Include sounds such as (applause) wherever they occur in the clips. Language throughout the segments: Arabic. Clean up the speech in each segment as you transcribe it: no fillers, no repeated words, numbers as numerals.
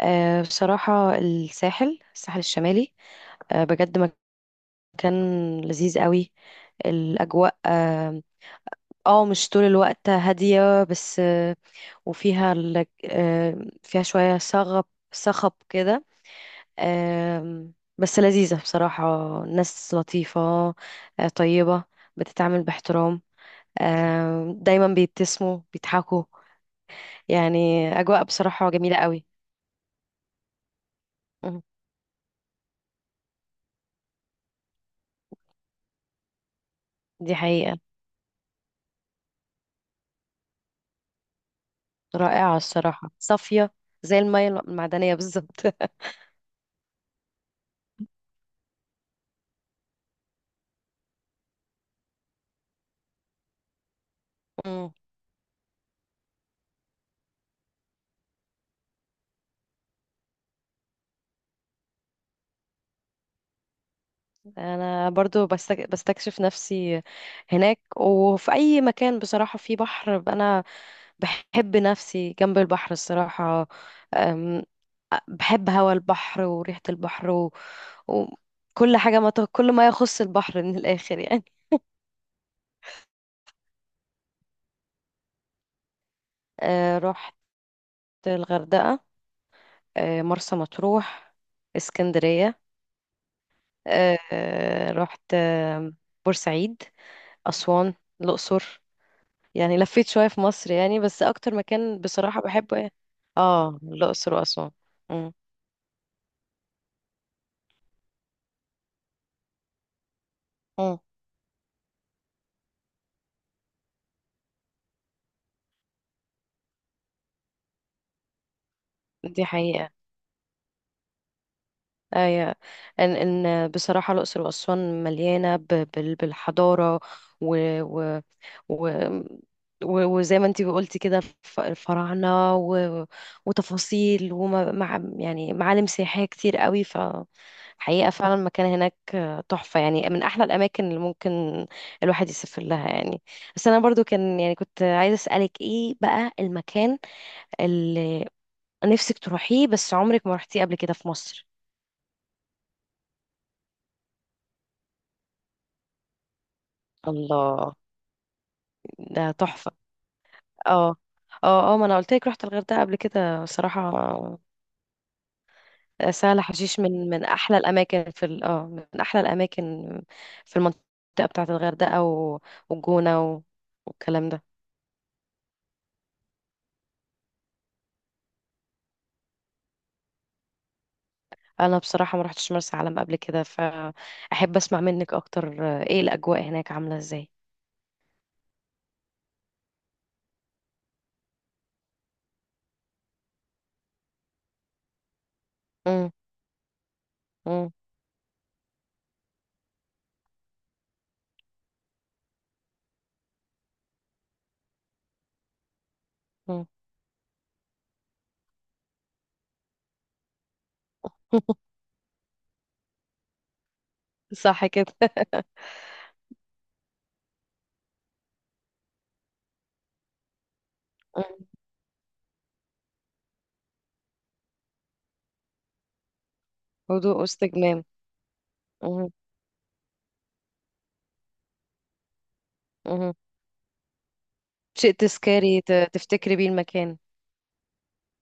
بصراحة الساحل الشمالي. بجد مكان لذيذ قوي. الأجواء مش طول الوقت هادية بس. وفيها فيها شوية صخب كده. بس لذيذة بصراحة. ناس لطيفة، طيبة بتتعامل باحترام. دايما بيبتسموا بيضحكوا يعني أجواء بصراحة جميلة قوي. مم، دي حقيقة. رائعة الصراحة صافية. زي المية المعدنية بالظبط. (laughs) مم. أنا برضو بستكشف نفسي هناك وفي أي مكان بصراحة فيه بحر. أنا بحب نفسي جنب البحر الصراحة. أم، بحب هوا البحر وريحة البحر، وكل حاجة ما ت... كل ما يخص البحر من الآخر يعني. رحت الغردقة، مرسى مطروح، اسكندرية أه آه، رحت بورسعيد، أسوان، الأقصر. يعني لفيت شوية في مصر يعني، بس أكتر مكان بصراحة بحبه يعني. اه الأقصر وأسوان. مم. مم. دي حقيقة. أي، إن إن بصراحة الأقصر وأسوان مليانة بالحضارة و و و وزي ما انتي قلتي كده الفراعنة، وتفاصيل ومع يعني معالم سياحية كتير قوي. فحقيقة فعلا المكان هناك تحفة يعني، من أحلى الأماكن اللي ممكن الواحد يسافر لها يعني. بس أنا برضو يعني كنت عايزة أسألك إيه بقى المكان اللي نفسك تروحيه بس عمرك ما رحتيه قبل كده في مصر؟ الله. ده تحفة. اه، اه، اه، ما انا قلت لك رحت الغردقة قبل كده صراحة. سهل حشيش من احلى الاماكن في ال- اه من احلى الاماكن في المنطقة بتاعة الغردقة والجونة والكلام ده. انا بصراحة ما رحتش مرسى علم قبل كده، فاحب اسمع منك اكتر، ايه الاجواء هناك عاملة ازاي؟ مم، مم، مم. (laughs) صح كده. مم. هدوء واستجمام. مم، مم. شيء تذكاري تفتكري بيه المكان.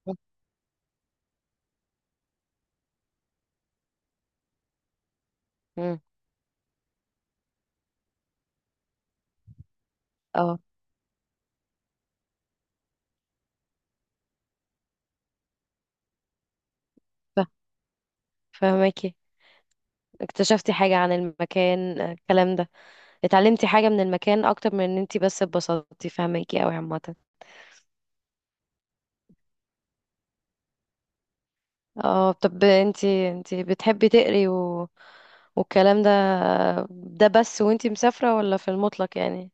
مم، مم. اه، فهماكي. اكتشفتي حاجة عن المكان، الكلام ده، اتعلمتي حاجة من المكان اكتر من ان انتي بس اتبسطتي. فهماكي اوي عامة. اه طب انتي بتحبي تقري، والكلام ده، بس وانتي مسافرة ولا في المطلق يعني؟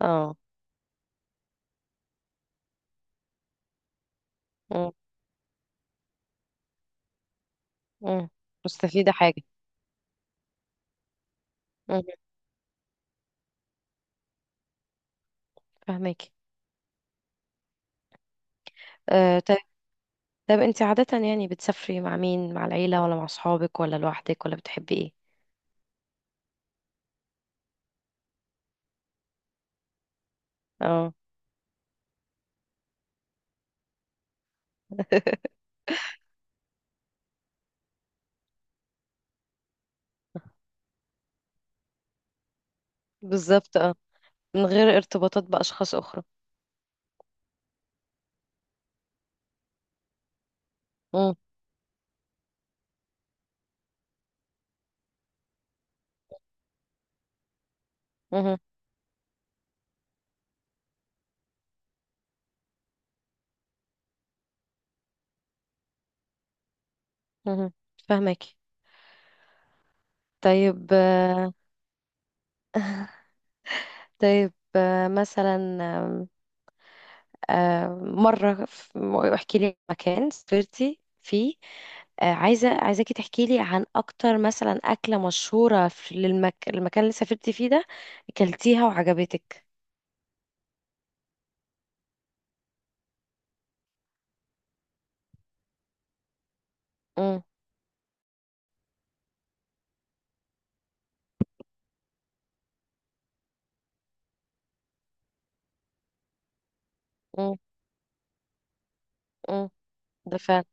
اه. مم، مم. مستفيدة حاجة. مم، فهماكي. طب، انتي عادة يعني بتسافري مع مين، مع العيلة ولا مع صحابك ولا لوحدك، ولا بتحبي ايه؟ اه. (laughs) بالظبط، اه، من غير ارتباطات بأشخاص أخرى. مهم. مهم. فاهمك. طيب. طيب، مثلا آم، مرة احكي لي مكان سافرتي فيه. عايزاكي تحكي لي عن أكتر مثلا أكلة مشهورة في المكان اللي سافرتي فيه ده أكلتيها وعجبتك. مم. مم. مم. ده فعلا.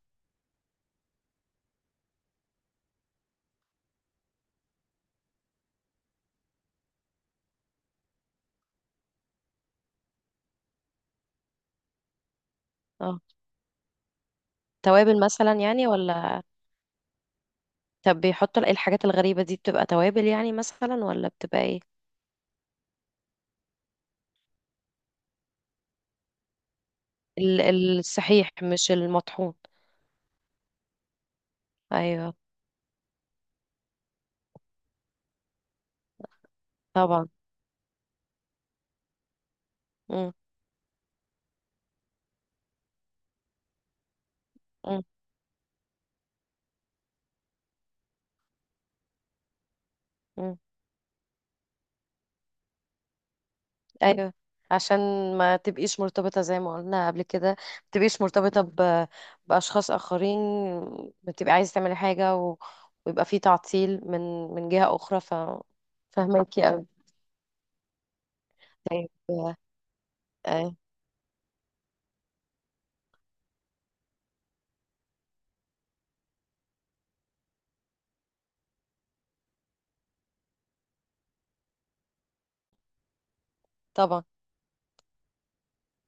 اه توابل مثلا يعني ولا؟ طب بيحطوا إيه الحاجات الغريبة دي، بتبقى توابل يعني مثلا ولا بتبقى ايه؟ ال- الصحيح مش المطحون. أيوه. طبعا. مم. مم. مم. ايوه، عشان ما تبقيش مرتبطة زي ما قلنا قبل كده، ما تبقيش مرتبطة بأشخاص آخرين. بتبقي عايزة تعملي حاجة، ويبقى في تعطيل من جهة أخرى. فهماكي أوي. طيب آه، طبعا.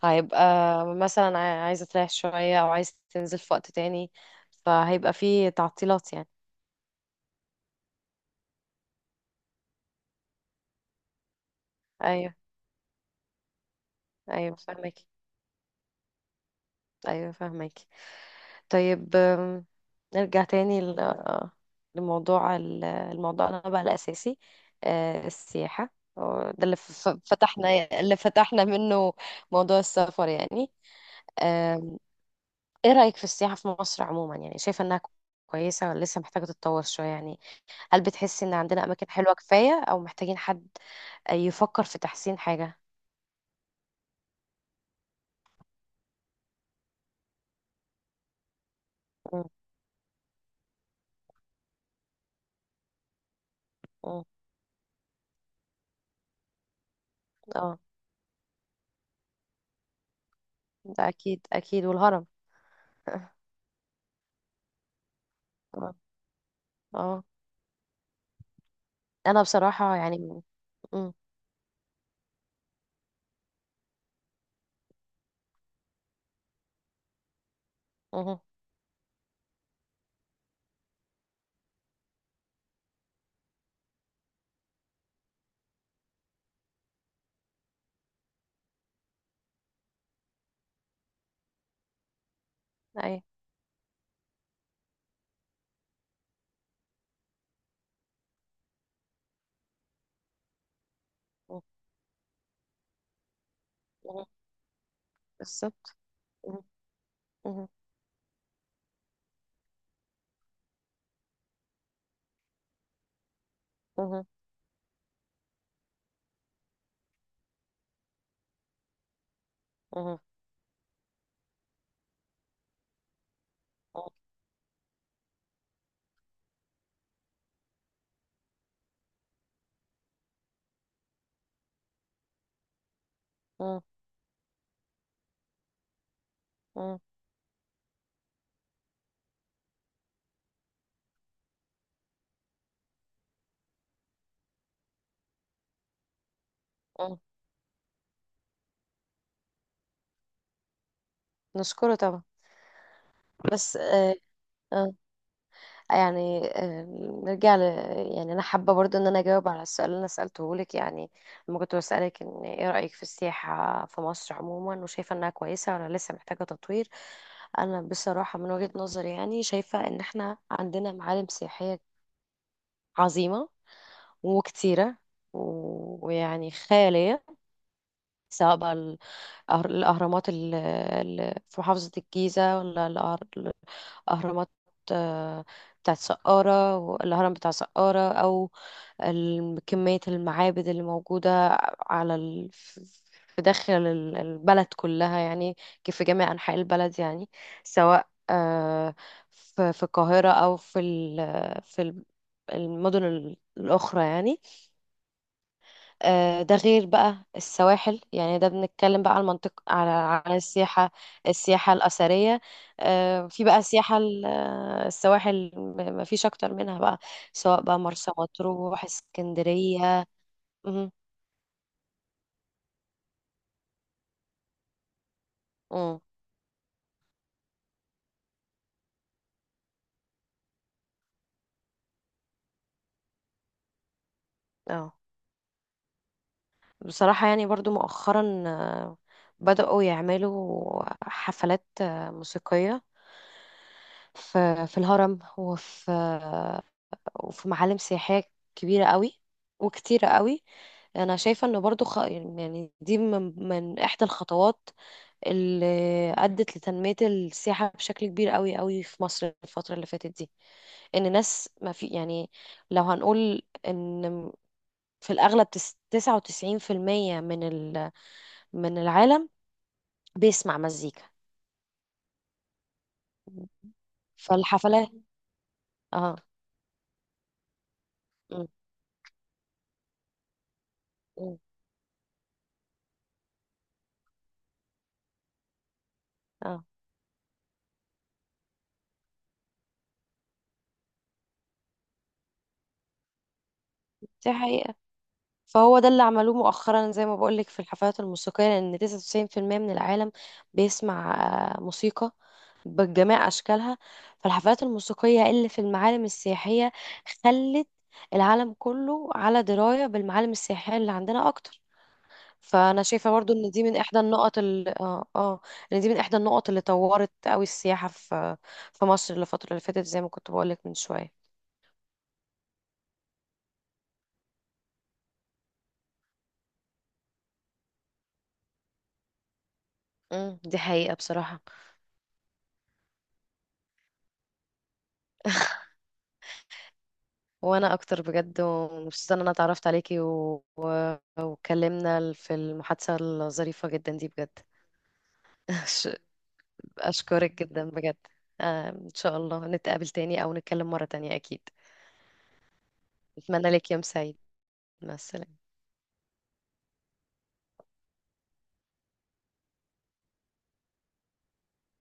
هيبقى مثلا عايزة تريح شوية أو عايزة تنزل في وقت تاني، فهيبقى في تعطيلات يعني. أيوه، أيوه فهماكي، أيوه فهماكي. طيب، نرجع تاني لموضوع الموضوعنا بقى الأساسي، السياحة. هو ده اللي فتحنا منه موضوع السفر يعني. آم، ايه رأيك في السياحة في مصر عموما؟ يعني شايفة انها كويسة ولا لسه محتاجة تتطور شوية يعني؟ هل بتحسي ان عندنا أماكن حلوة كفاية أو محتاجين حد يفكر في تحسين حاجة؟ مم، مم، اه، ده أكيد أكيد، والهرم. (laughs) اه. آه. انا بصراحة يعني، مم، مم. اي، بالظبط. مم. مم. مم. مم. مم. مم. مم. نشكره طبعا. بس آه يعني نرجع يعني انا حابه برضو ان انا اجاوب على السؤال اللي انا سالته لك يعني. لما كنت بسالك ان ايه رايك في السياحه في مصر عموما، وشايفه انها كويسه ولا لسه محتاجه تطوير؟ انا بصراحه من وجهه نظري يعني شايفه ان احنا عندنا معالم سياحيه عظيمه وكتيره ويعني خياليه، سواء بقى الأهرامات اللي في محافظة الجيزة ولا الأهر- الأهرامات آه، بتاعت سقارة والهرم بتاع سقارة، أو كمية المعابد اللي موجودة على ال... في داخل البلد كلها يعني، كيف في جميع أنحاء البلد يعني. سواء، في القاهرة أو في المدن الأخرى يعني. ده غير بقى السواحل يعني، ده بنتكلم بقى على المنطق، على السياحة الأثرية. في بقى السياحة السواحل، مفيش أكتر منها بقى، سواء بقى مرسى مطروح، اسكندرية. مهم. مم. اه بصراحة يعني برضو مؤخرا، بدأوا يعملوا حفلات موسيقية في الهرم، وفي وفي معالم سياحية كبيرة قوي وكتيرة قوي. انا شايفة ان برضو يعني دي من احدى الخطوات اللي ادت لتنمية السياحة بشكل كبير قوي قوي في مصر الفترة اللي فاتت دي. ان ناس ما في يعني، لو هنقول ان في الاغلب 99% من ال... من العالم بيسمع مزيكا. فالحفلات اه م- م- اه دي حقيقة. فهو ده اللي عملوه مؤخرا زي ما بقولك في الحفلات الموسيقية، لأن 99% من العالم بيسمع موسيقى بجميع أشكالها. فالحفلات الموسيقية اللي في المعالم السياحية خلت العالم كله على دراية بالمعالم السياحية اللي عندنا أكتر. فأنا شايفة برضو إن دي من إحدى النقط اللي طورت أوي السياحة في مصر الفترة اللي فاتت، زي ما كنت بقولك من شوية. مم، دي حقيقة بصراحة. وانا اكتر بجد، ومبسوطه ان انا اتعرفت عليكي واتكلمنا في المحادثه الظريفه جدا دي بجد. (laughs) أش- اشكرك جدا بجد. ان شاء الله نتقابل تاني او نتكلم مره تانية اكيد. اتمنى لك يوم سعيد. مع السلامه.